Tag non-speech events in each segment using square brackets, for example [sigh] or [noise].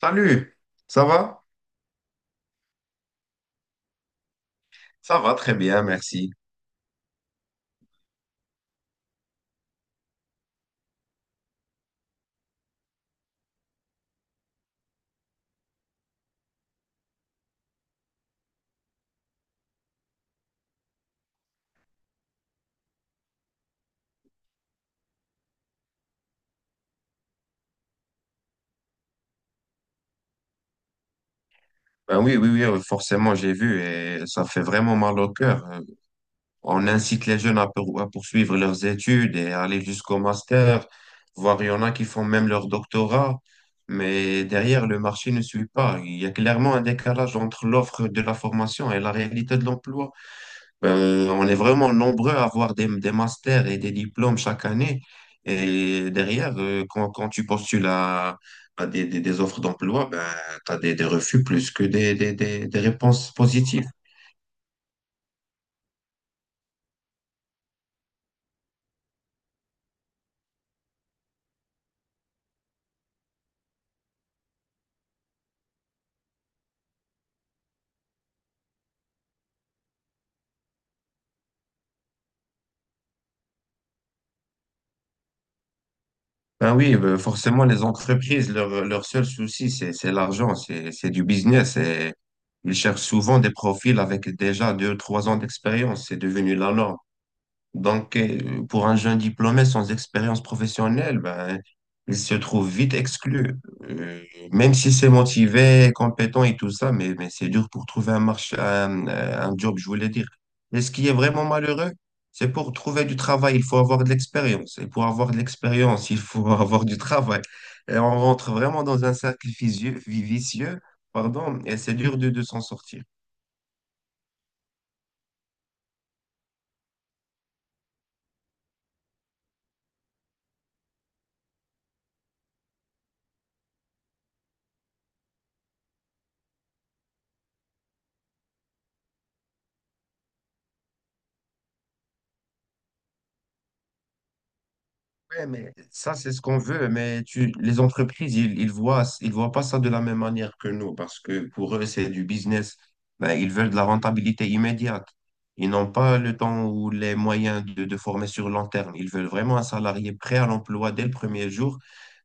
Salut, ça va? Ça va très bien, merci. Ben oui, oui, oui, forcément, j'ai vu et ça fait vraiment mal au cœur. On incite les jeunes à poursuivre leurs études et à aller jusqu'au master, voire il y en a qui font même leur doctorat, mais derrière, le marché ne suit pas. Il y a clairement un décalage entre l'offre de la formation et la réalité de l'emploi. On est vraiment nombreux à avoir des masters et des diplômes chaque année. Et derrière, quand tu postules à des offres d'emploi, ben, tu as des refus plus que des réponses positives. Ben oui, ben, forcément, les entreprises, leur seul souci, c'est l'argent, c'est du business. Et ils cherchent souvent des profils avec déjà deux, trois ans d'expérience. C'est devenu la norme. Donc, pour un jeune diplômé sans expérience professionnelle, ben, il se trouve vite exclu. Euh, Même si c'est motivé, compétent et tout ça, mais c'est dur pour trouver un marché, un job, je voulais dire. Et ce qui est vraiment malheureux, c'est pour trouver du travail, il faut avoir de l'expérience. Et pour avoir de l'expérience, il faut [laughs] avoir du travail. Et on rentre vraiment dans un cercle vicieux, vicieux, pardon, et c'est dur de s'en sortir. Ouais, mais ça, c'est ce qu'on veut, mais tu, les entreprises, ils, ils voient pas ça de la même manière que nous, parce que pour eux, c'est du business. Ben, ils veulent de la rentabilité immédiate. Ils n'ont pas le temps ou les moyens de former sur long terme. Ils veulent vraiment un salarié prêt à l'emploi dès le premier jour.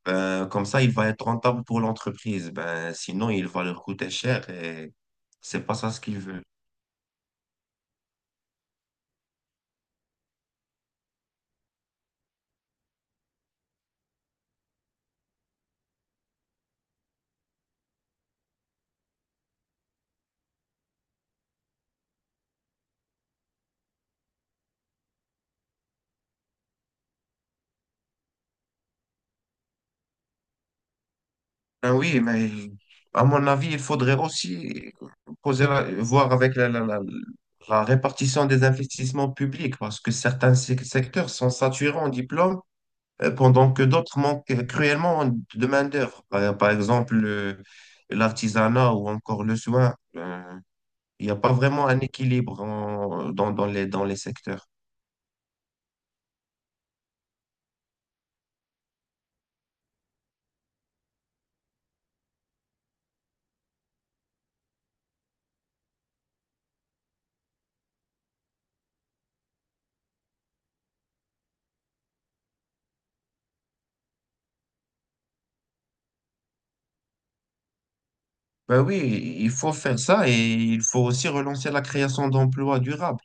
Ben, comme ça, il va être rentable pour l'entreprise. Ben, sinon, il va leur coûter cher et c'est pas ça ce qu'ils veulent. Ah oui, mais à mon avis, il faudrait aussi voir avec la répartition des investissements publics, parce que certains secteurs sont saturés en diplômes, pendant que d'autres manquent cruellement de main-d'œuvre. Par exemple, l'artisanat ou encore le soin. Il n'y a pas vraiment un équilibre dans, dans les secteurs. Ben oui, il faut faire ça et il faut aussi relancer la création d'emplois durables.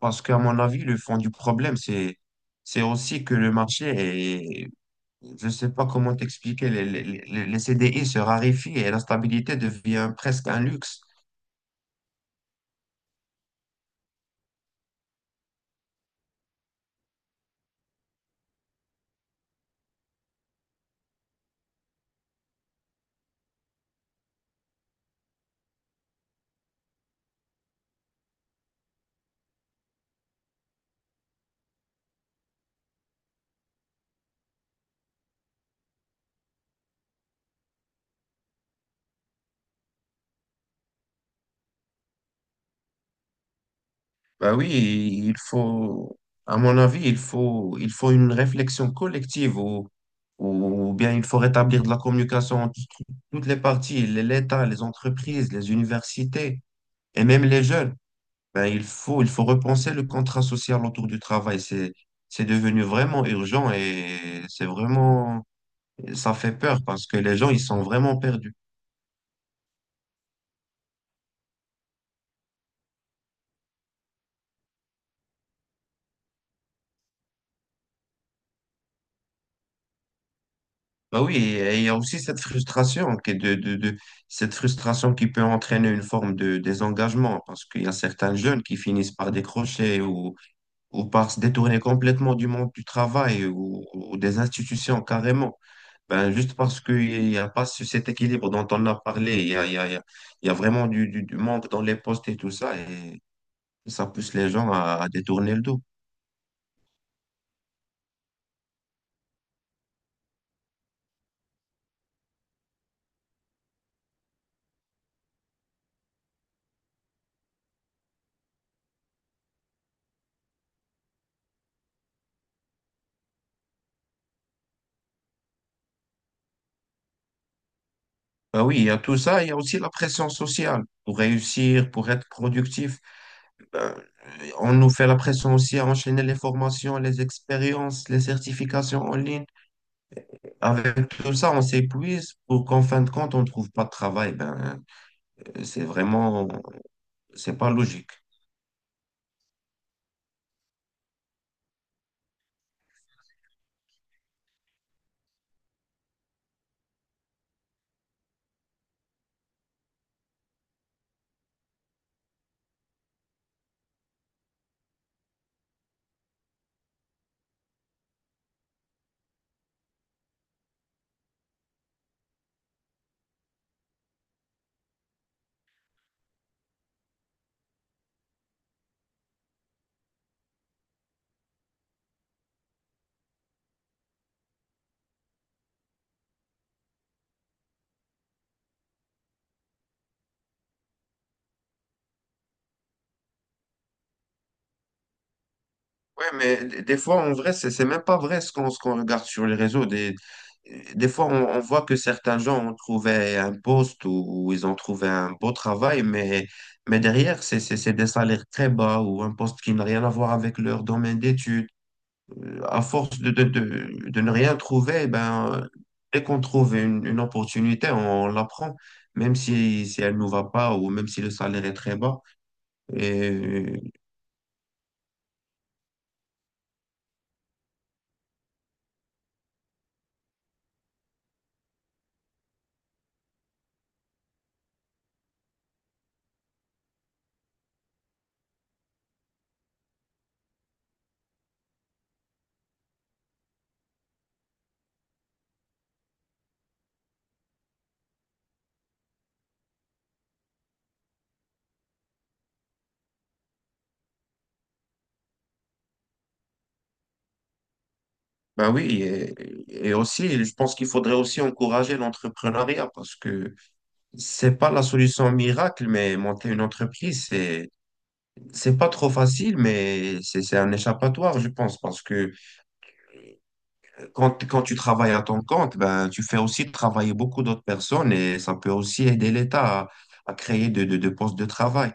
Parce qu'à mon avis, le fond du problème, c'est aussi que le marché est, je ne sais pas comment t'expliquer, les CDI se raréfient et la stabilité devient presque un luxe. Bah oui, il faut, à mon avis, il faut une réflexion collective ou bien il faut rétablir de la communication entre toutes les parties, l'État, les entreprises, les universités et même les jeunes. Ben, il faut repenser le contrat social autour du travail. C'est devenu vraiment urgent et ça fait peur parce que les gens, ils sont vraiment perdus. Bah oui, et il y a aussi cette frustration qui est cette frustration qui peut entraîner une forme de désengagement parce qu'il y a certains jeunes qui finissent par décrocher ou par se détourner complètement du monde du travail ou des institutions carrément. Ben, juste parce qu'il n'y a pas cet équilibre dont on a parlé, il y a, il y a, il y a il y a vraiment du manque dans les postes et tout ça, et ça pousse les gens à détourner le dos. Ben oui, il y a tout ça, il y a aussi la pression sociale pour réussir, pour être productif. Ben, on nous fait la pression aussi à enchaîner les formations, les expériences, les certifications en ligne. Avec tout ça, on s'épuise pour qu'en fin de compte, on ne trouve pas de travail. Ben, C'est vraiment, c'est pas logique. Ouais, mais des fois, en vrai, c'est même pas vrai ce qu'on regarde sur les réseaux. Des fois, on voit que certains gens ont trouvé un poste ou ils ont trouvé un beau travail, mais derrière, c'est des salaires très bas ou un poste qui n'a rien à voir avec leur domaine d'études. À force de ne rien trouver, eh ben, dès qu'on trouve une opportunité, on, la prend, même si, si elle ne nous va pas ou même si le salaire est très bas. Et Ben oui, et aussi, je pense qu'il faudrait aussi encourager l'entrepreneuriat parce que c'est pas la solution miracle, mais monter une entreprise, c'est pas trop facile, c'est un échappatoire, je pense, parce que quand tu travailles à ton compte, ben, tu fais aussi travailler beaucoup d'autres personnes et ça peut aussi aider l'État à créer de postes de travail.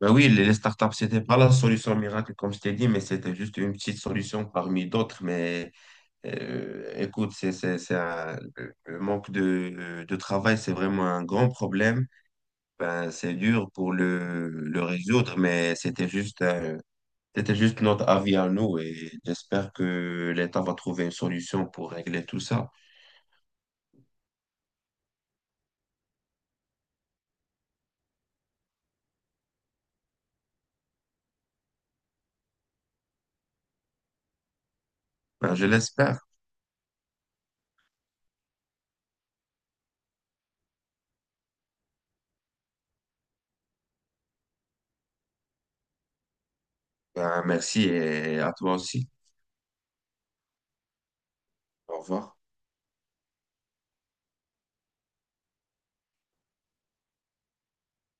Ben oui, les startups, c'était pas la solution miracle, comme je t'ai dit, mais c'était juste une petite solution parmi d'autres, mais écoute, c'est un- le manque de travail, c'est vraiment un grand problème. Ben, c'est dur pour le résoudre, mais c'était juste notre avis à nous et j'espère que l'État va trouver une solution pour régler tout ça. Ben, je l'espère. Ben, merci et à toi aussi. Au revoir.